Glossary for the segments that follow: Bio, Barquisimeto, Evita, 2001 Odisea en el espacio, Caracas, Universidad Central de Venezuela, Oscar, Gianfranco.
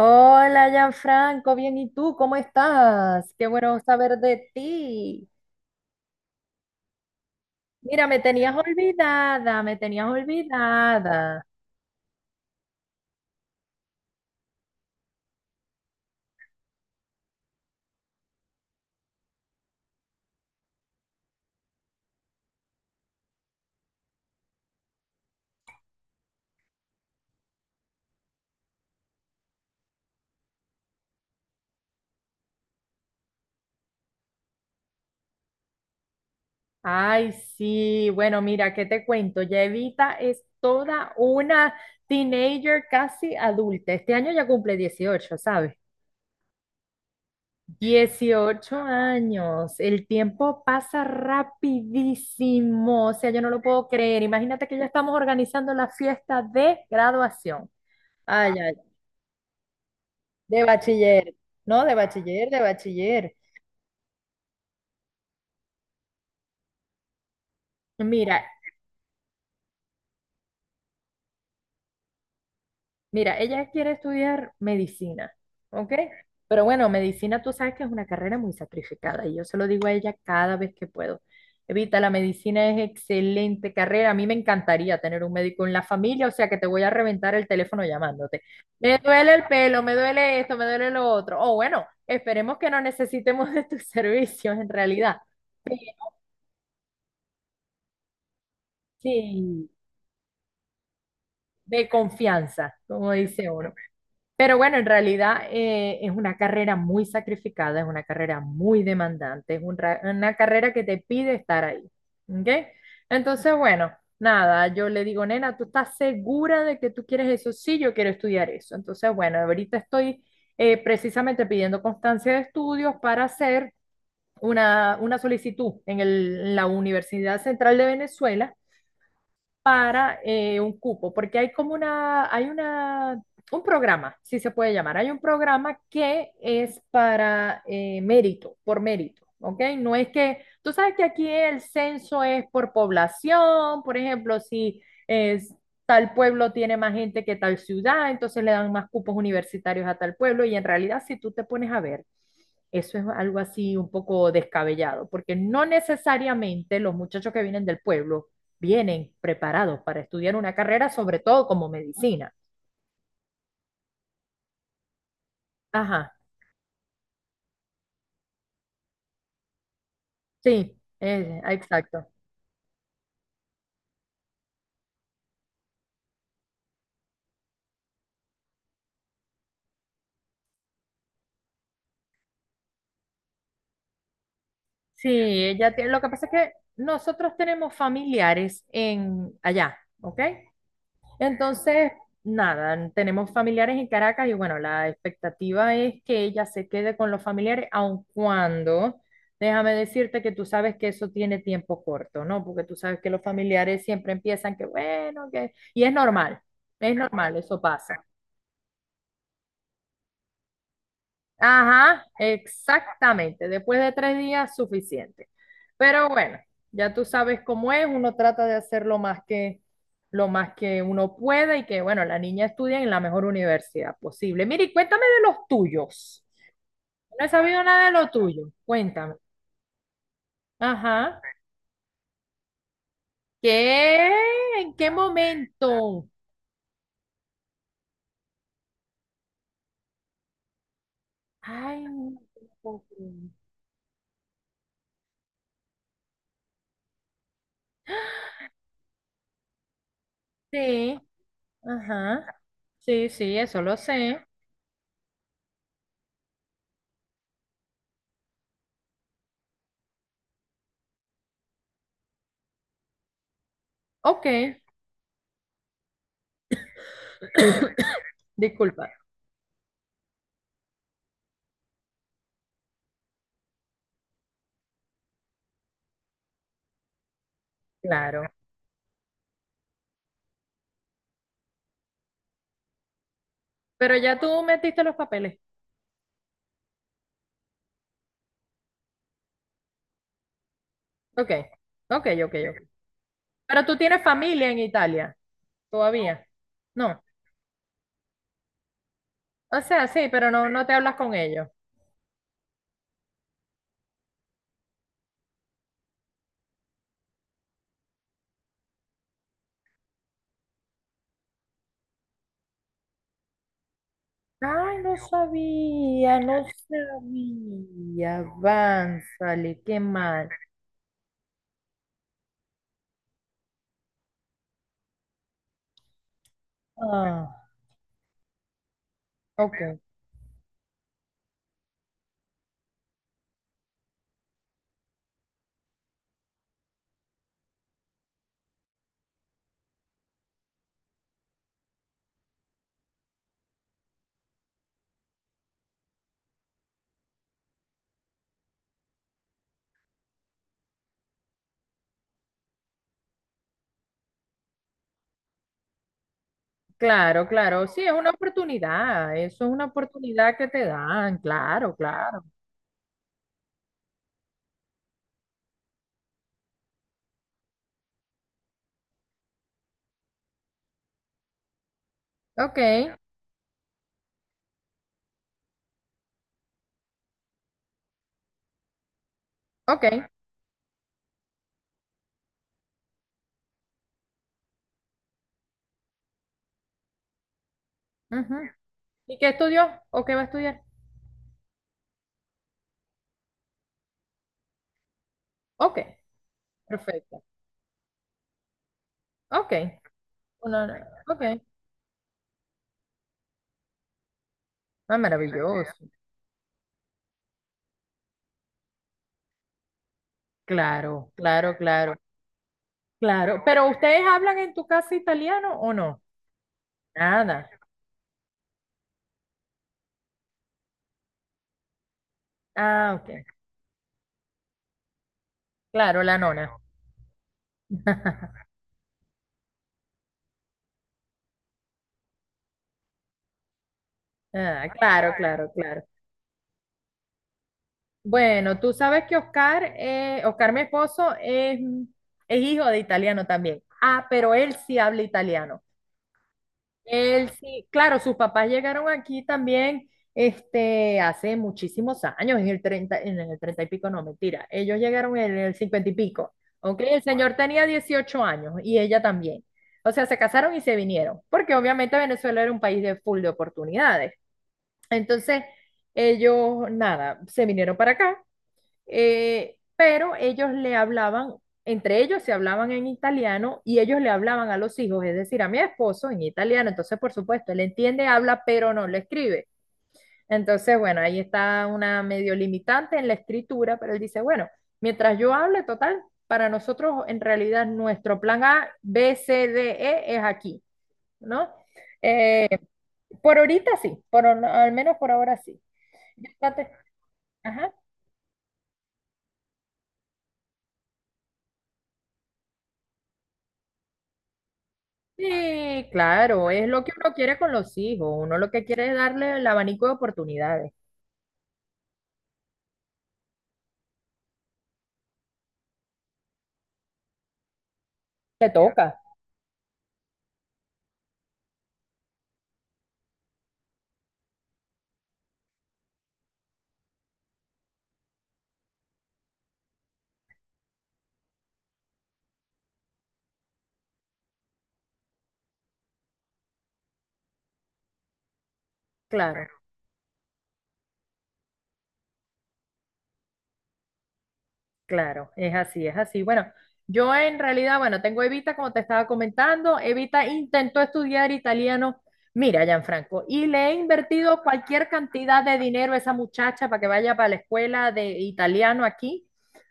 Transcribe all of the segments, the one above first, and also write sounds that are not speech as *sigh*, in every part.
Hola, Gianfranco, bien, ¿y tú cómo estás? Qué bueno saber de ti. Mira, me tenías olvidada, me tenías olvidada. Ay, sí, bueno, mira, ¿qué te cuento? Ya Evita es toda una teenager casi adulta. Este año ya cumple 18, ¿sabes? 18 años, el tiempo pasa rapidísimo, o sea, yo no lo puedo creer. Imagínate que ya estamos organizando la fiesta de graduación. Ay, ay. De bachiller, no, de bachiller, de bachiller. Mira, mira, ella quiere estudiar medicina, ¿ok? Pero bueno, medicina tú sabes que es una carrera muy sacrificada y yo se lo digo a ella cada vez que puedo. Evita, la medicina es excelente carrera. A mí me encantaría tener un médico en la familia, o sea que te voy a reventar el teléfono llamándote. Me duele el pelo, me duele esto, me duele lo otro. O bueno, esperemos que no necesitemos de tus *laughs* servicios en realidad. Sí, de confianza, como dice uno. Pero bueno, en realidad es una carrera muy sacrificada, es una carrera muy demandante, es una carrera que te pide estar ahí. ¿Ok? Entonces, bueno, nada, yo le digo, nena, ¿tú estás segura de que tú quieres eso? Sí, yo quiero estudiar eso. Entonces, bueno, ahorita estoy precisamente pidiendo constancia de estudios para hacer una solicitud en la Universidad Central de Venezuela para un cupo, porque hay como una, hay una, un programa, si se puede llamar, hay un programa que es para mérito, por mérito, ¿ok? No es que, tú sabes que aquí el censo es por población, por ejemplo, si es, tal pueblo tiene más gente que tal ciudad, entonces le dan más cupos universitarios a tal pueblo, y en realidad si tú te pones a ver, eso es algo así un poco descabellado, porque no necesariamente los muchachos que vienen del pueblo vienen preparados para estudiar una carrera, sobre todo como medicina. Ajá, sí, exacto. Sí, ella tiene, lo que pasa es que nosotros tenemos familiares en allá, ¿ok? Entonces, nada, tenemos familiares en Caracas y bueno, la expectativa es que ella se quede con los familiares, aun cuando, déjame decirte que tú sabes que eso tiene tiempo corto, ¿no? Porque tú sabes que los familiares siempre empiezan que bueno, que... Y es normal, eso pasa. Ajá, exactamente. Después de 3 días, suficiente. Pero bueno, ya tú sabes cómo es, uno trata de hacer lo más que uno puede y que, bueno, la niña estudie en la mejor universidad posible. Mire, y cuéntame de los tuyos. No he sabido nada de lo tuyo. Cuéntame. Ajá. ¿Qué? ¿En qué momento? Ay, no te lo puedo creer. Sí, ajá. Sí, sí, eso lo sé. Ok. *coughs* Disculpa. Claro. Pero ya tú metiste los papeles. Ok, ok, ok, ok. Pero tú tienes familia en Italia, todavía. No. O sea, sí, pero no, no te hablas con ellos. Ay, no sabía, no sabía. Avánzale, qué mal. Ah, ok. Claro, claro. Sí, es una oportunidad. Eso es una oportunidad que te dan. Claro, claro. Ok, ok. Ujú. ¿Y qué estudió o qué va a estudiar? Ok, perfecto. Ok. Una hora. Ok. Ah, maravilloso. Claro, claro, claro, claro. Pero ¿ustedes hablan en tu casa italiano o no? Nada. Ah, ok. Claro, la nona. *laughs* Ah, claro, claro, claro. Bueno, tú sabes que Oscar, Oscar, mi esposo, es hijo de italiano también. Ah, pero él sí habla italiano. Él sí, claro, sus papás llegaron aquí también este, hace muchísimos años, en el 30, en el 30 y pico, no, mentira. Ellos llegaron en el 50 y pico, ¿ok? El señor tenía 18 años y ella también. O sea, se casaron y se vinieron, porque obviamente Venezuela era un país de full de oportunidades. Entonces, ellos, nada, se vinieron para acá pero ellos le hablaban, entre ellos se hablaban en italiano y ellos le hablaban a los hijos, es decir, a mi esposo en italiano, entonces por supuesto, él entiende, habla, pero no le escribe. Entonces, bueno, ahí está una medio limitante en la escritura, pero él dice, bueno, mientras yo hable, total, para nosotros en realidad nuestro plan A, B, C, D, E es aquí, ¿no? Eh, por ahorita sí, al menos por ahora sí. Ya te. Ajá. Sí, claro, es lo que uno quiere con los hijos, uno lo que quiere es darle el abanico de oportunidades. Te toca, claro, claro, es así, es así. Bueno, yo en realidad, bueno, tengo a Evita, como te estaba comentando, Evita intentó estudiar italiano, mira, Gianfranco, y le he invertido cualquier cantidad de dinero a esa muchacha para que vaya para la escuela de italiano aquí.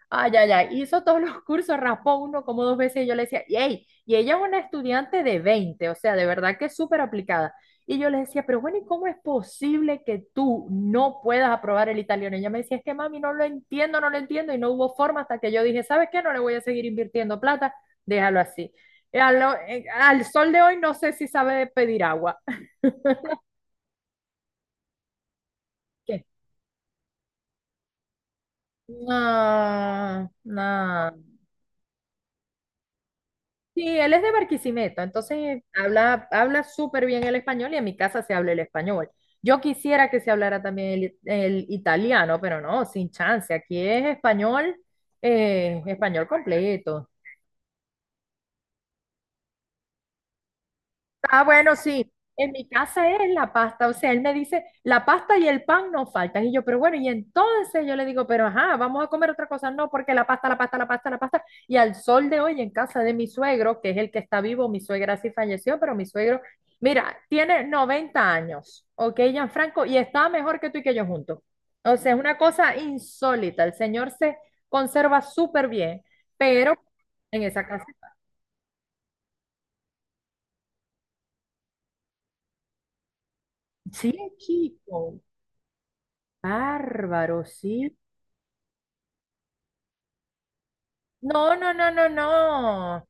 Ay, ay, ay, hizo todos los cursos, raspó uno como dos veces y yo le decía, y, "Ey", y ella es una estudiante de 20, o sea, de verdad que es súper aplicada. Y yo le decía, pero bueno, ¿y cómo es posible que tú no puedas aprobar el italiano? Y ella me decía, es que mami, no lo entiendo, no lo entiendo, y no hubo forma hasta que yo dije, ¿sabes qué? No le voy a seguir invirtiendo plata, déjalo así. Al sol de hoy no sé si sabe pedir agua. *laughs* ¿Qué? No, no. Sí, él es de Barquisimeto, entonces habla, habla súper bien el español y en mi casa se habla el español. Yo quisiera que se hablara también el italiano, pero no, sin chance. Aquí es español, español completo. Ah, bueno, sí. En mi casa es la pasta. O sea, él me dice, la pasta y el pan no faltan. Y yo, pero bueno, y entonces yo le digo, pero ajá, vamos a comer otra cosa. No, porque la pasta, la pasta, la pasta, la pasta. Y al sol de hoy en casa de mi suegro, que es el que está vivo, mi suegra sí falleció, pero mi suegro, mira, tiene 90 años, ¿ok, Gianfranco? Y está mejor que tú y que yo juntos. O sea, es una cosa insólita. El señor se conserva súper bien, pero en esa casa, sí, chico. Bárbaro, sí. No, no, no, no, no.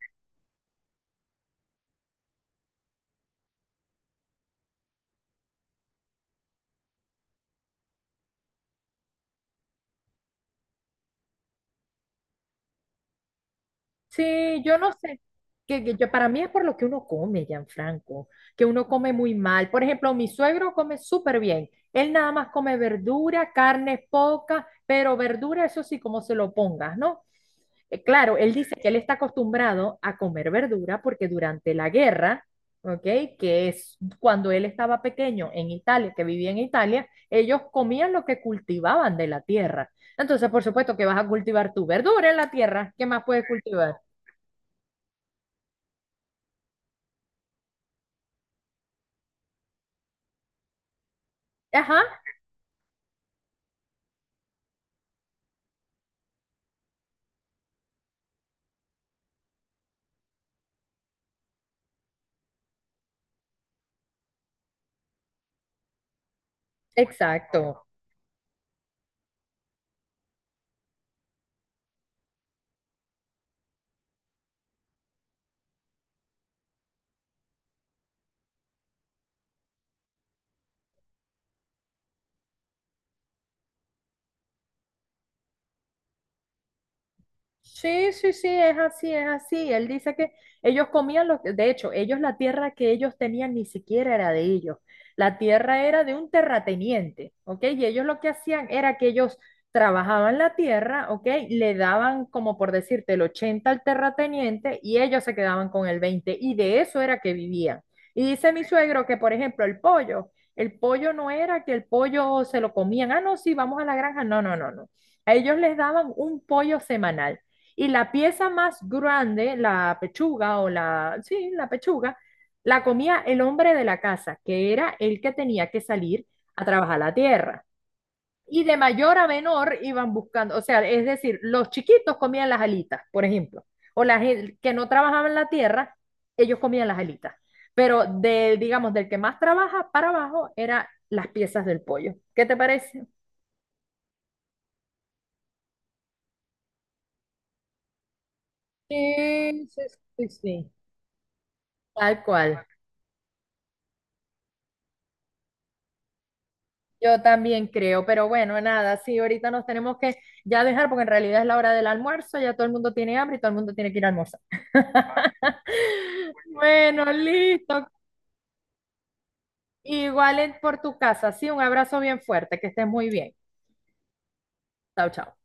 Sí, yo no sé, que yo, para mí es por lo que uno come, Gianfranco, que uno come muy mal. Por ejemplo, mi suegro come súper bien. Él nada más come verdura, carne poca, pero verdura, eso sí, como se lo pongas, ¿no? Claro, él dice que él está acostumbrado a comer verdura porque durante la guerra, ¿ok? Que es cuando él estaba pequeño en Italia, que vivía en Italia, ellos comían lo que cultivaban de la tierra. Entonces, por supuesto que vas a cultivar tu verdura en la tierra. ¿Qué más puedes cultivar? Ajá, exacto. Sí, sí, sí, es así, es así. Él dice que ellos comían lo que, de hecho, ellos la tierra que ellos tenían ni siquiera era de ellos. La tierra era de un terrateniente, ¿ok? Y ellos lo que hacían era que ellos trabajaban la tierra, ¿ok? Le daban, como por decirte, el 80 al terrateniente y ellos se quedaban con el 20 y de eso era que vivían. Y dice mi suegro que, por ejemplo, el pollo no era que el pollo se lo comían, ah, no, sí, vamos a la granja, no, no, no, no. A ellos les daban un pollo semanal. Y la pieza más grande, la pechuga sí, la pechuga, la comía el hombre de la casa, que era el que tenía que salir a trabajar la tierra. Y de mayor a menor iban buscando, o sea, es decir, los chiquitos comían las alitas, por ejemplo, o las que no trabajaban la tierra, ellos comían las alitas. Pero de, digamos, del que más trabaja para abajo eran las piezas del pollo. ¿Qué te parece? Sí, sí, sí, sí. Tal cual. Yo también creo, pero bueno, nada, sí, ahorita nos tenemos que ya dejar porque en realidad es la hora del almuerzo, ya todo el mundo tiene hambre y todo el mundo tiene que ir a almorzar. *laughs* Bueno, listo. Igual en- por tu casa, sí, un abrazo bien fuerte, que estés muy bien. Chao, chao.